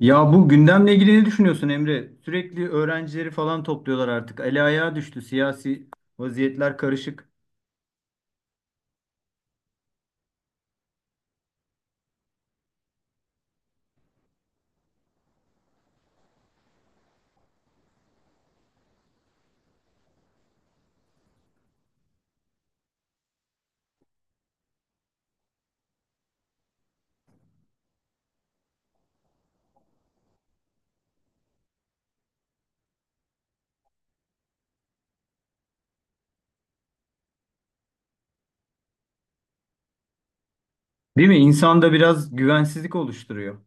Ya bu gündemle ilgili ne düşünüyorsun, Emre? Sürekli öğrencileri falan topluyorlar artık. Eli ayağa düştü. Siyasi vaziyetler karışık. Değil mi? İnsanda biraz güvensizlik oluşturuyor.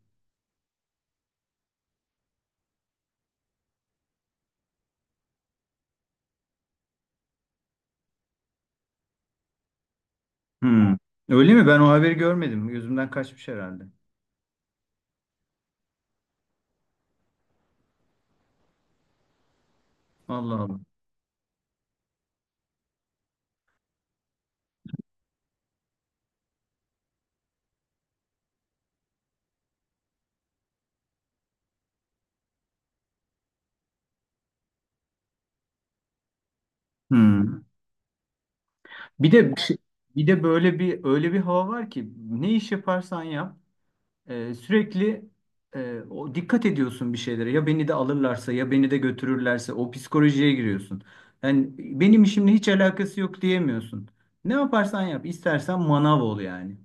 Hmm. Öyle mi? Ben o haberi görmedim. Gözümden kaçmış herhalde. Allah Allah. Hmm. Bir de bir de böyle bir öyle bir hava var ki ne iş yaparsan yap. Sürekli o dikkat ediyorsun bir şeylere. Ya beni de alırlarsa ya beni de götürürlerse o psikolojiye giriyorsun. Yani benim işimle hiç alakası yok diyemiyorsun. Ne yaparsan yap, istersen manav ol yani.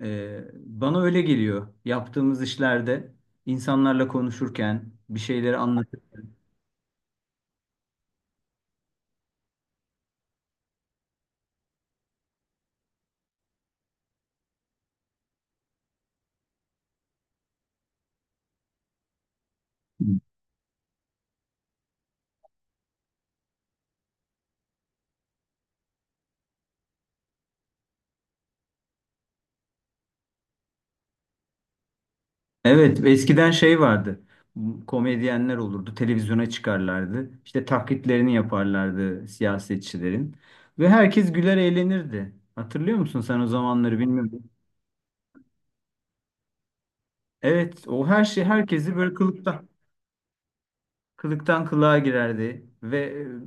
Bana öyle geliyor. Yaptığımız işlerde insanlarla konuşurken, bir şeyleri anlatırken. Evet, eskiden şey vardı. Komedyenler olurdu, televizyona çıkarlardı. İşte taklitlerini yaparlardı siyasetçilerin. Ve herkes güler eğlenirdi. Hatırlıyor musun sen o zamanları, bilmiyorum. Evet, o her şey herkesi böyle kılıktan kılığa girerdi. Ve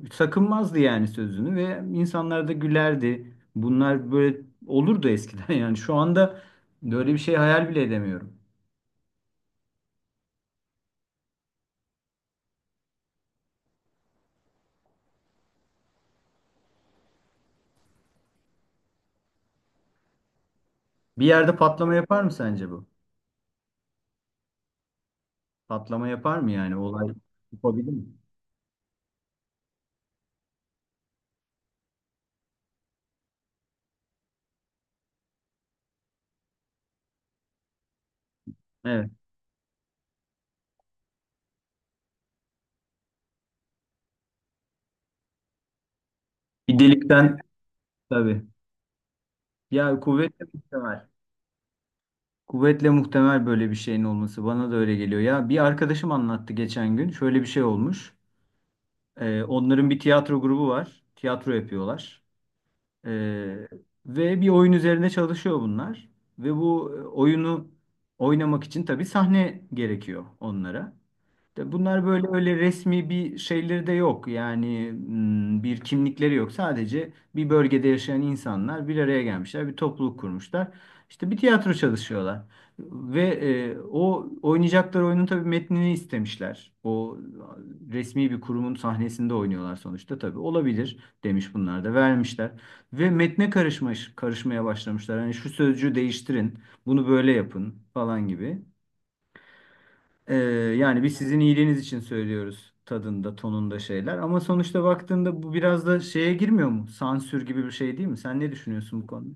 sakınmazdı yani sözünü ve insanlar da gülerdi. Bunlar böyle olurdu eskiden yani. Şu anda böyle bir şey hayal bile edemiyorum. Bir yerde patlama yapar mı sence bu? Patlama yapar mı yani olay? Yapabilir mi? Evet. Bir delikten, tabii. Ya kuvvetle muhtemel. Kuvvetle muhtemel böyle bir şeyin olması. Bana da öyle geliyor. Ya bir arkadaşım anlattı geçen gün. Şöyle bir şey olmuş. Onların bir tiyatro grubu var. Tiyatro yapıyorlar. Ee, Ve bir oyun üzerine çalışıyor bunlar. Ve bu oyunu oynamak için tabii sahne gerekiyor onlara. De bunlar böyle öyle resmi bir şeyleri de yok. Yani hmm, bir kimlikleri yok. Sadece bir bölgede yaşayan insanlar bir araya gelmişler, bir topluluk kurmuşlar. İşte bir tiyatro çalışıyorlar. Ve o oynayacakları oyunun tabii metnini istemişler. O resmi bir kurumun sahnesinde oynuyorlar sonuçta tabii. Olabilir demiş, bunlar da vermişler. Ve metne karışmaya başlamışlar. Hani şu sözcüğü değiştirin, bunu böyle yapın falan gibi. Ee, Yani biz sizin iyiliğiniz için söylüyoruz tadında, tonunda şeyler. Ama sonuçta baktığında bu biraz da şeye girmiyor mu? Sansür gibi bir şey değil mi? Sen ne düşünüyorsun bu konuda?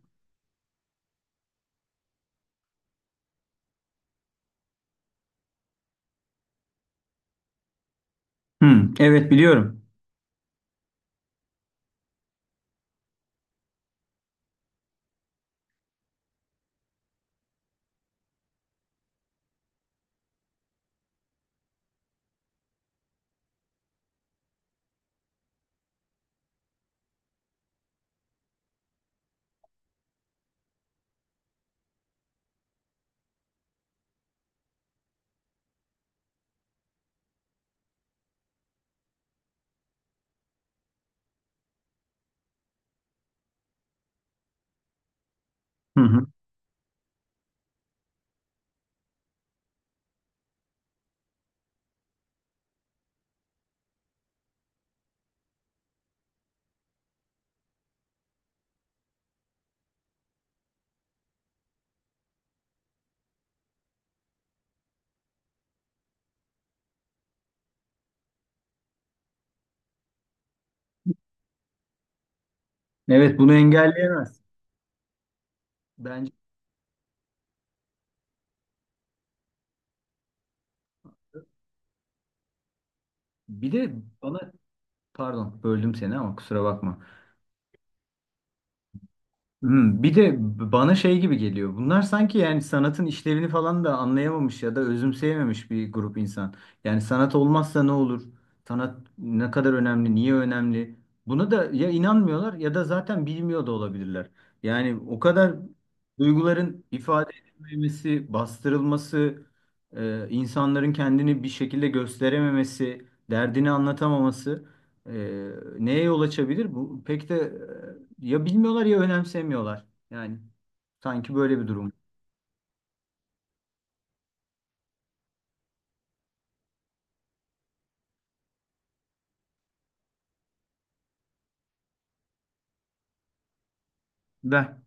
Hı, evet, biliyorum. Hı hı. Evet, bunu engelleyemez. Bence bir de bana pardon, böldüm seni, ama kusura bakma. Hmm, bir de bana şey gibi geliyor. Bunlar sanki yani sanatın işlevini falan da anlayamamış ya da özümseyememiş bir grup insan. Yani sanat olmazsa ne olur? Sanat ne kadar önemli? Niye önemli? Buna da ya inanmıyorlar ya da zaten bilmiyor da olabilirler. Yani o kadar duyguların ifade edilmemesi, bastırılması, insanların kendini bir şekilde gösterememesi, derdini anlatamaması. Ee, Neye yol açabilir bu? Pek de ya bilmiyorlar ya önemsemiyorlar. Yani sanki böyle bir durum. Ben.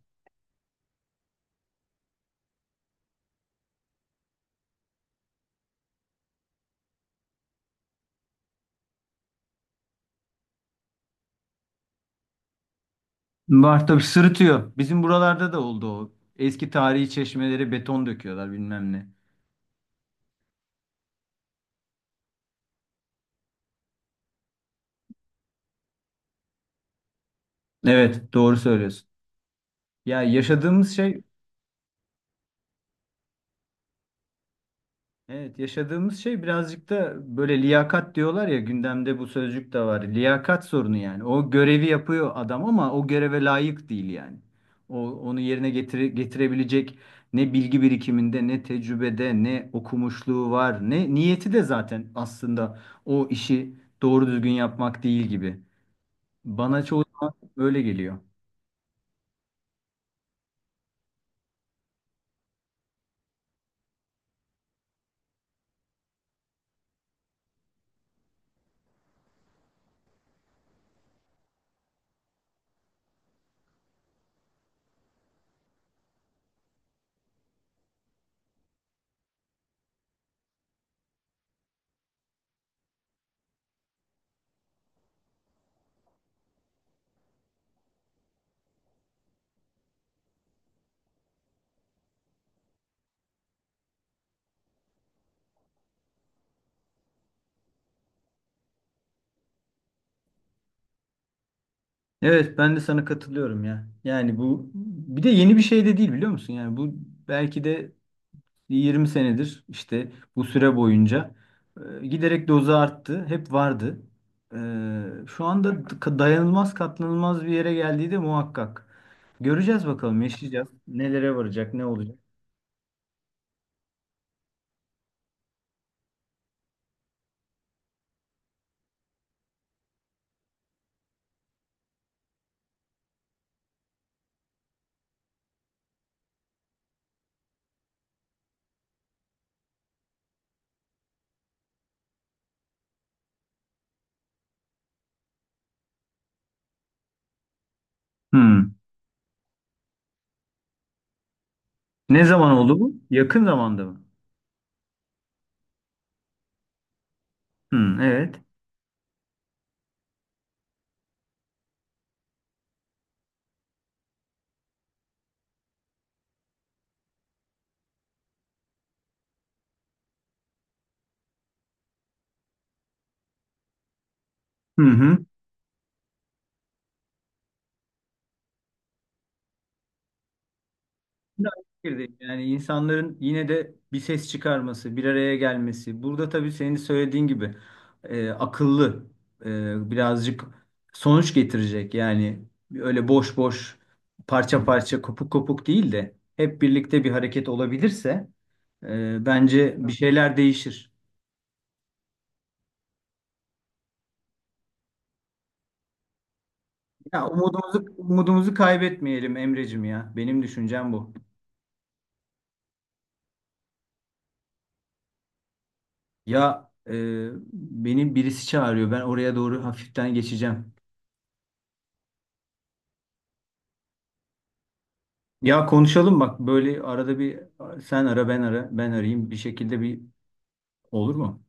Var tabii, sırıtıyor. Bizim buralarda da oldu o. Eski tarihi çeşmelere beton döküyorlar bilmem ne. Evet, doğru söylüyorsun. Ya yaşadığımız şey. Evet, yaşadığımız şey birazcık da böyle liyakat diyorlar ya, gündemde bu sözcük de var. Liyakat sorunu yani. O görevi yapıyor adam ama o göreve layık değil yani. O onu yerine getirebilecek ne bilgi birikiminde, ne tecrübede, ne okumuşluğu var, ne niyeti de zaten aslında o işi doğru düzgün yapmak değil gibi. Bana çoğu zaman öyle geliyor. Evet, ben de sana katılıyorum ya. Yani bu bir de yeni bir şey de değil, biliyor musun? Yani bu belki de 20 senedir işte bu süre boyunca giderek dozu arttı. Hep vardı. Şu anda dayanılmaz, katlanılmaz bir yere geldiği de muhakkak. Göreceğiz bakalım, yaşayacağız. Nelere varacak, ne olacak? Hmm. Ne zaman oldu bu? Yakın zamanda mı? Hmm, evet. Hı hı. Ben de aynı fikirdeyim. Yani insanların yine de bir ses çıkarması, bir araya gelmesi. Burada tabii senin söylediğin gibi akıllı, birazcık sonuç getirecek. Yani öyle boş boş, parça parça, kopuk kopuk değil de hep birlikte bir hareket olabilirse bence bir şeyler değişir. Ya umudumuzu kaybetmeyelim Emrecim ya. Benim düşüncem bu. Ya beni birisi çağırıyor. Ben oraya doğru hafiften geçeceğim. Ya konuşalım bak, böyle arada bir sen ara ben ara ben arayayım bir şekilde, bir olur mu?